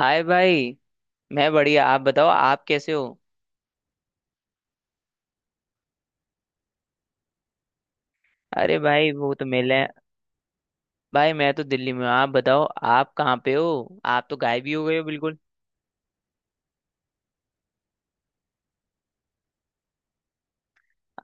हाय भाई। मैं बढ़िया, आप बताओ आप कैसे हो। अरे भाई वो तो मिले हैं। भाई मैं तो दिल्ली में हूँ, आप बताओ आप कहाँ पे हो, आप तो गायब ही हो गए हो बिल्कुल।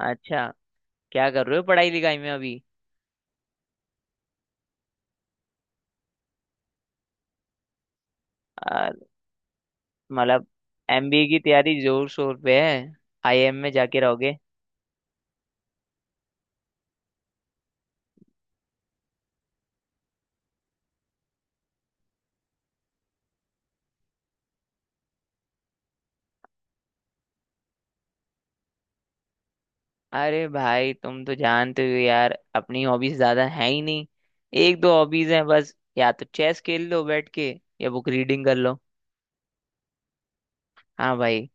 अच्छा, क्या कर रहे हो पढ़ाई लिखाई में अभी। आ, मतलब एमबीए की तैयारी जोर शोर पे है, आईआईएम में जाके रहोगे। अरे भाई तुम तो जानते हो यार, अपनी हॉबीज ज्यादा है ही नहीं। एक दो हॉबीज हैं बस, या तो चेस खेल लो बैठ के या बुक रीडिंग कर लो। हाँ भाई,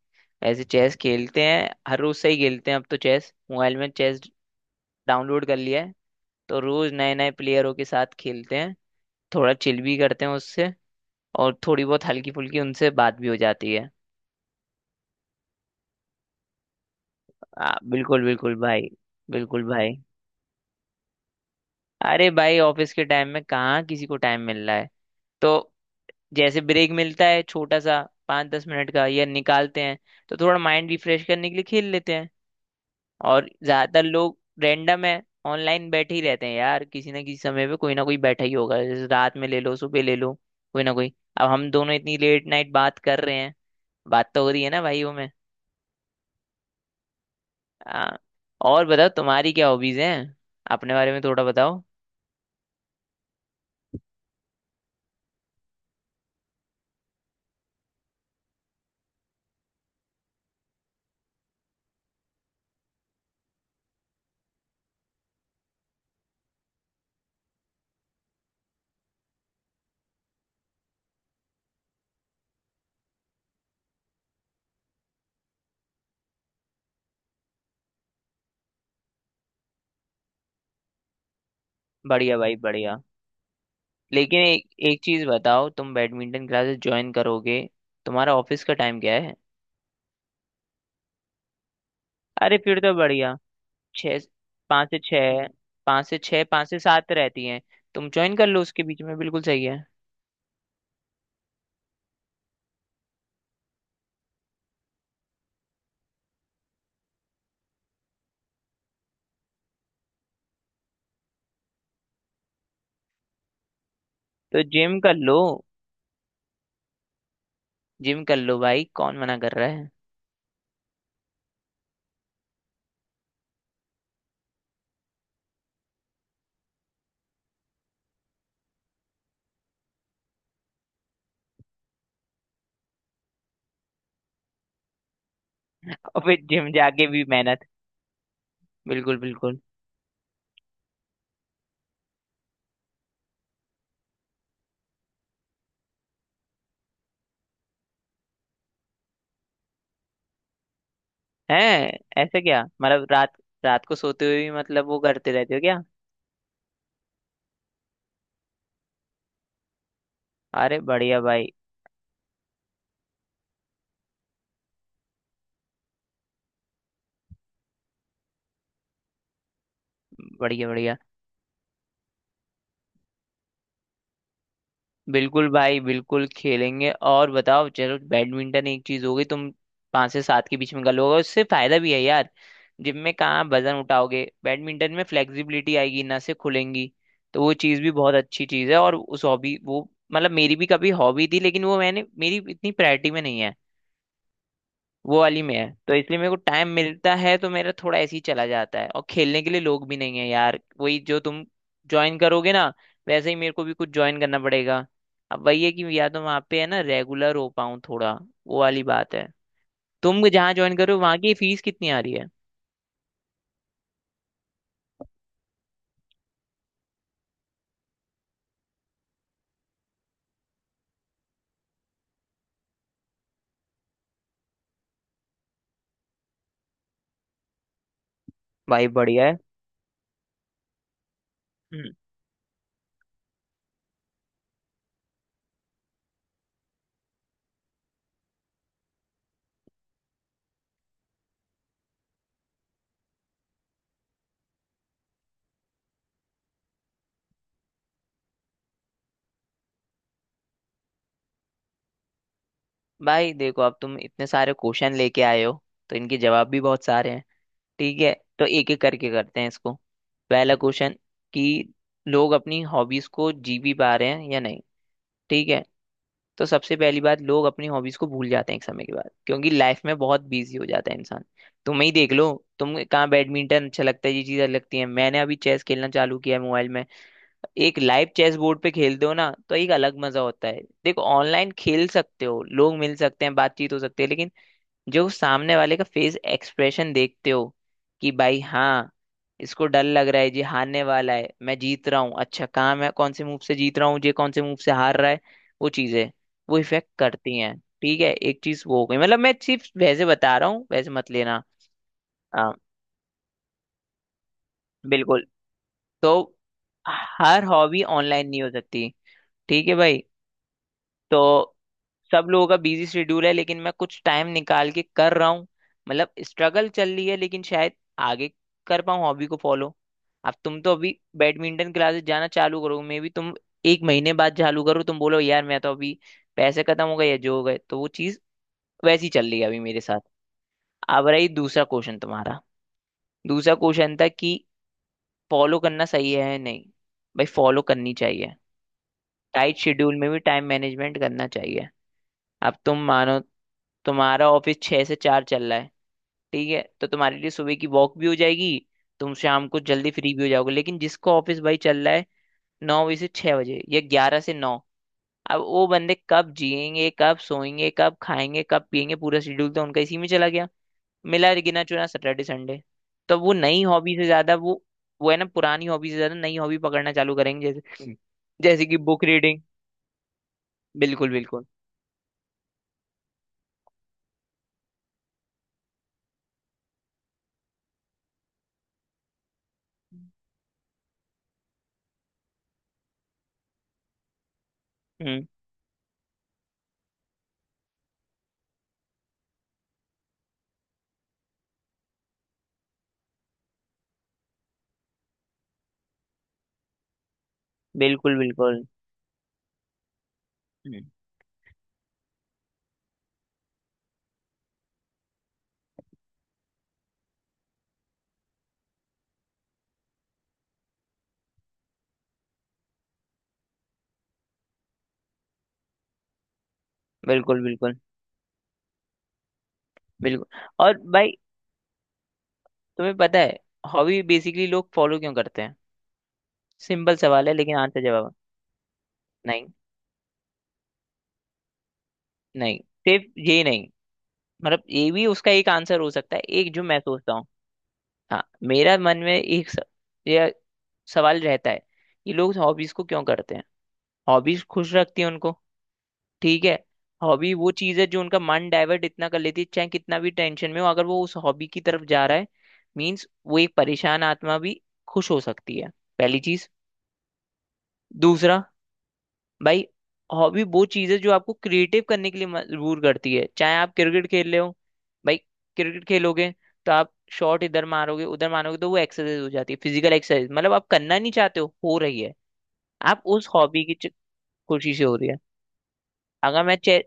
ऐसे चेस खेलते हैं हर रोज से ही खेलते हैं, अब तो चेस मोबाइल में चेस डाउनलोड कर लिया है, तो रोज नए नए प्लेयरों के साथ खेलते हैं। थोड़ा चिल भी करते हैं उससे, और थोड़ी बहुत हल्की फुल्की उनसे बात भी हो जाती है। बिल्कुल बिल्कुल भाई, बिल्कुल भाई। अरे भाई ऑफिस के टाइम में कहाँ किसी को टाइम मिल रहा है, तो जैसे ब्रेक मिलता है छोटा सा, 5-10 मिनट का या निकालते हैं, तो थोड़ा माइंड रिफ्रेश करने के लिए खेल लेते हैं। और ज्यादातर लोग रैंडम है ऑनलाइन बैठे ही रहते हैं यार, किसी ना किसी समय पे कोई ना कोई बैठा ही होगा, जैसे रात में ले लो सुबह ले लो, कोई ना कोई। अब हम दोनों इतनी लेट नाइट बात कर रहे हैं, बात तो हो रही है ना भाइयों में। हाँ। और बताओ तुम्हारी क्या हॉबीज हैं, अपने बारे में थोड़ा बताओ। बढ़िया भाई बढ़िया। लेकिन एक एक चीज बताओ, तुम बैडमिंटन क्लासेस ज्वाइन करोगे, तुम्हारा ऑफिस का टाइम क्या है। अरे फिर तो बढ़िया। छः, 5 से 6, 5 से 6 5 से 7 रहती हैं। तुम ज्वाइन कर लो उसके बीच में, बिल्कुल सही है। तो जिम कर लो, जिम कर लो भाई, कौन मना कर रहा है। और फिर जिम जाके भी मेहनत, बिल्कुल बिल्कुल है। ऐसा क्या मतलब, रात रात को सोते हुए भी मतलब वो करते रहते हो क्या। अरे बढ़िया भाई, बढ़िया बढ़िया। बिल्कुल भाई बिल्कुल खेलेंगे, और बताओ चलो बैडमिंटन एक चीज हो गई, तुम 5 से 7 के बीच में कर लोगे, उससे फायदा भी है यार। जिम में कहाँ वजन उठाओगे, बैडमिंटन में फ्लेक्सिबिलिटी आएगी, नसें खुलेंगी। तो वो चीज़ भी बहुत अच्छी चीज़ है, और उस हॉबी वो मतलब मेरी भी कभी हॉबी थी, लेकिन वो मैंने मेरी इतनी प्रायोरिटी में नहीं है। वो वाली में है तो इसलिए, मेरे को टाइम मिलता है तो मेरा थोड़ा ऐसे ही चला जाता है, और खेलने के लिए लोग भी नहीं है यार। वही जो तुम ज्वाइन करोगे ना, वैसे ही मेरे को भी कुछ ज्वाइन करना पड़ेगा। अब वही है कि या तो वहाँ पे है ना, रेगुलर हो पाऊँ थोड़ा, वो वाली बात है। तुम जहाँ ज्वाइन करो वहाँ की फीस कितनी आ रही है। भाई बढ़िया है। हम्म। भाई देखो, अब तुम इतने सारे क्वेश्चन लेके आए हो, तो इनके जवाब भी बहुत सारे हैं। ठीक है, तो एक एक करके करते हैं इसको। पहला क्वेश्चन कि लोग अपनी हॉबीज को जी भी पा रहे हैं या नहीं। ठीक है। तो सबसे पहली बात, लोग अपनी हॉबीज को भूल जाते हैं एक समय के बाद, क्योंकि लाइफ में बहुत बिजी हो जाता है इंसान। तुम ही देख लो, तुम कहाँ बैडमिंटन अच्छा लगता है, ये चीजें लगती हैं। मैंने अभी चेस खेलना चालू किया है मोबाइल में। एक लाइव चेस बोर्ड पे खेलते हो ना तो एक अलग मजा होता है। देखो ऑनलाइन खेल सकते हो, लोग मिल सकते हैं, बातचीत हो सकती है, लेकिन जो सामने वाले का फेस एक्सप्रेशन देखते हो, कि भाई हाँ, इसको डर लग रहा है, ये हारने वाला है, मैं जीत रहा हूँ, अच्छा कहाँ मैं कौन से मूव से जीत रहा हूँ, ये कौन से मूव से हार रहा है, वो चीजें वो इफेक्ट करती हैं। ठीक है, एक चीज वो हो गई, मतलब मैं सिर्फ वैसे बता रहा हूँ, वैसे मत लेना। हाँ बिल्कुल। तो हर हॉबी ऑनलाइन नहीं हो सकती। ठीक है भाई। तो सब लोगों का बिजी शेड्यूल है, लेकिन मैं कुछ टाइम निकाल के कर रहा हूँ, मतलब स्ट्रगल चल रही है, लेकिन शायद आगे कर पाऊँ हॉबी को फॉलो। अब तुम तो अभी बैडमिंटन क्लासेस जाना चालू करो, मे भी तुम 1 महीने बाद चालू करो, तुम बोलो यार मैं तो अभी पैसे खत्म हो गए या जो हो गए, तो वो चीज़ वैसी चल रही है अभी मेरे साथ। अब रही दूसरा क्वेश्चन तुम्हारा, दूसरा क्वेश्चन था कि फॉलो करना सही है या नहीं। भाई फॉलो करनी चाहिए, टाइट शेड्यूल में भी टाइम मैनेजमेंट करना चाहिए। अब तुम मानो तुम्हारा ऑफिस 6 से 4 चल रहा है, ठीक है, तो तुम्हारे लिए सुबह की वॉक भी हो जाएगी, तुम शाम को जल्दी फ्री भी हो जाओगे। लेकिन जिसका ऑफिस भाई चल रहा है 9 बजे से 6 बजे, या 11 से 9, अब वो बंदे कब जिएंगे, कब सोएंगे, कब खाएंगे, कब पिएंगे, पूरा शेड्यूल तो उनका इसी में चला गया, मिला गिना चुना सैटरडे संडे। तो वो नई हॉबी से ज्यादा वो है ना, पुरानी हॉबी से ज्यादा नई हॉबी पकड़ना चालू करेंगे, जैसे जैसे कि बुक रीडिंग। बिल्कुल बिल्कुल। हम्म, बिल्कुल बिल्कुल बिल्कुल बिल्कुल बिल्कुल। और भाई तुम्हें पता है, हॉबी बेसिकली लोग फॉलो क्यों करते हैं, सिंपल सवाल है, लेकिन आंसर जवाब है, नहीं। नहीं सिर्फ ये नहीं, मतलब ये भी उसका एक आंसर हो सकता है, एक जो मैं सोचता हूँ। हाँ मेरा मन में एक ये सवाल रहता है कि लोग हॉबीज को क्यों करते हैं। हॉबीज खुश रखती है उनको, ठीक है। हॉबी वो चीज है जो उनका मन डाइवर्ट इतना कर लेती है, चाहे कितना भी टेंशन में हो, अगर वो उस हॉबी की तरफ जा रहा है, मीन्स वो एक परेशान आत्मा भी खुश हो सकती है, पहली चीज। दूसरा, भाई हॉबी वो चीज है जो आपको क्रिएटिव करने के लिए मजबूर करती है। चाहे आप क्रिकेट खेल रहे हो, भाई क्रिकेट खेलोगे तो आप शॉट इधर मारोगे उधर मारोगे, तो वो एक्सरसाइज हो जाती है, फिजिकल एक्सरसाइज, मतलब आप करना नहीं चाहते हो रही है। आप उस हॉबी की खुशी से हो रही है। अगर मैं चेस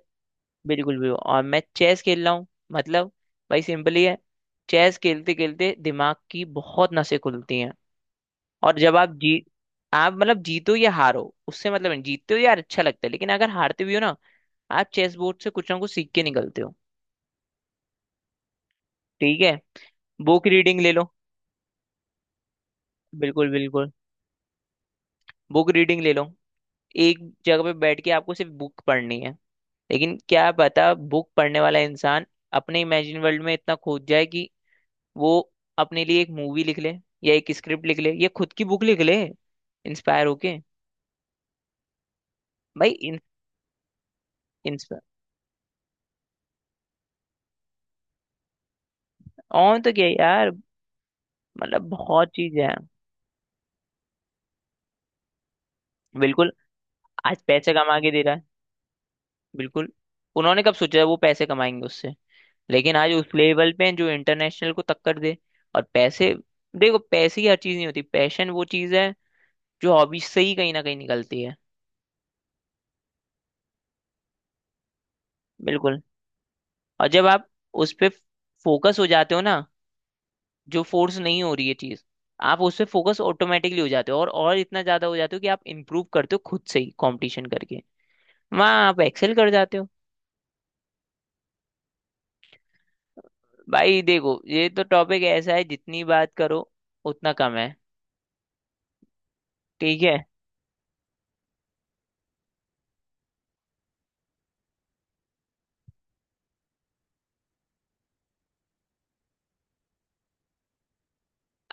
बिल्कुल भी, और मैं चेस खेल रहा हूँ, मतलब भाई सिंपली है, चेस खेलते खेलते दिमाग की बहुत नसें खुलती हैं। और जब आप जीत, आप मतलब जीतो या हारो, उससे मतलब नहीं, जीतते हो यार अच्छा लगता है, लेकिन अगर हारते भी हो ना, आप चेस बोर्ड से कुछ ना कुछ सीख के निकलते हो, ठीक है। बुक रीडिंग ले लो, बिल्कुल बिल्कुल। बुक रीडिंग ले लो, एक जगह पे बैठ के आपको सिर्फ बुक पढ़नी है, लेकिन क्या पता बुक पढ़ने वाला इंसान अपने इमेजिन वर्ल्ड में इतना खोद जाए कि वो अपने लिए एक मूवी लिख ले, या एक स्क्रिप्ट लिख ले, या खुद की बुक लिख ले, इंस्पायर होके। भाई इंस्पायर, और तो क्या यार, मतलब बहुत चीज है। बिल्कुल, आज पैसे कमा के दे रहा है, बिल्कुल। उन्होंने कब सोचा है वो पैसे कमाएंगे उससे, लेकिन आज उस लेवल पे हैं जो इंटरनेशनल को टक्कर दे। और पैसे, देखो पैसे ही हर चीज नहीं होती, पैशन वो चीज है जो हॉबी से ही कहीं ना कहीं निकलती है। बिल्कुल, और जब आप उस पे फोकस हो जाते हो ना, जो फोर्स नहीं हो रही है चीज, आप उस पे फोकस ऑटोमेटिकली हो जाते हो, और इतना ज्यादा हो जाते हो कि आप इम्प्रूव करते हो खुद से ही कंपटीशन करके, वहां आप एक्सेल कर जाते हो। भाई देखो ये तो टॉपिक ऐसा है, जितनी बात करो उतना कम है, ठीक है।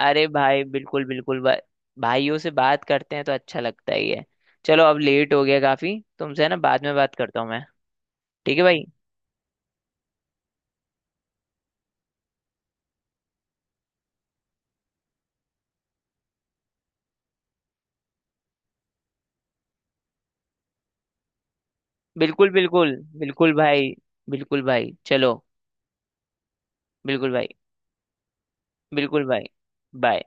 अरे भाई बिल्कुल बिल्कुल भाइयों से बात करते हैं तो अच्छा लगता ही है। चलो अब लेट हो गया काफी तुमसे, है ना, बाद में बात करता हूँ मैं। ठीक है भाई, बिल्कुल बिल्कुल बिल्कुल भाई, बिल्कुल भाई चलो, बिल्कुल भाई, बिल्कुल भाई। बाय।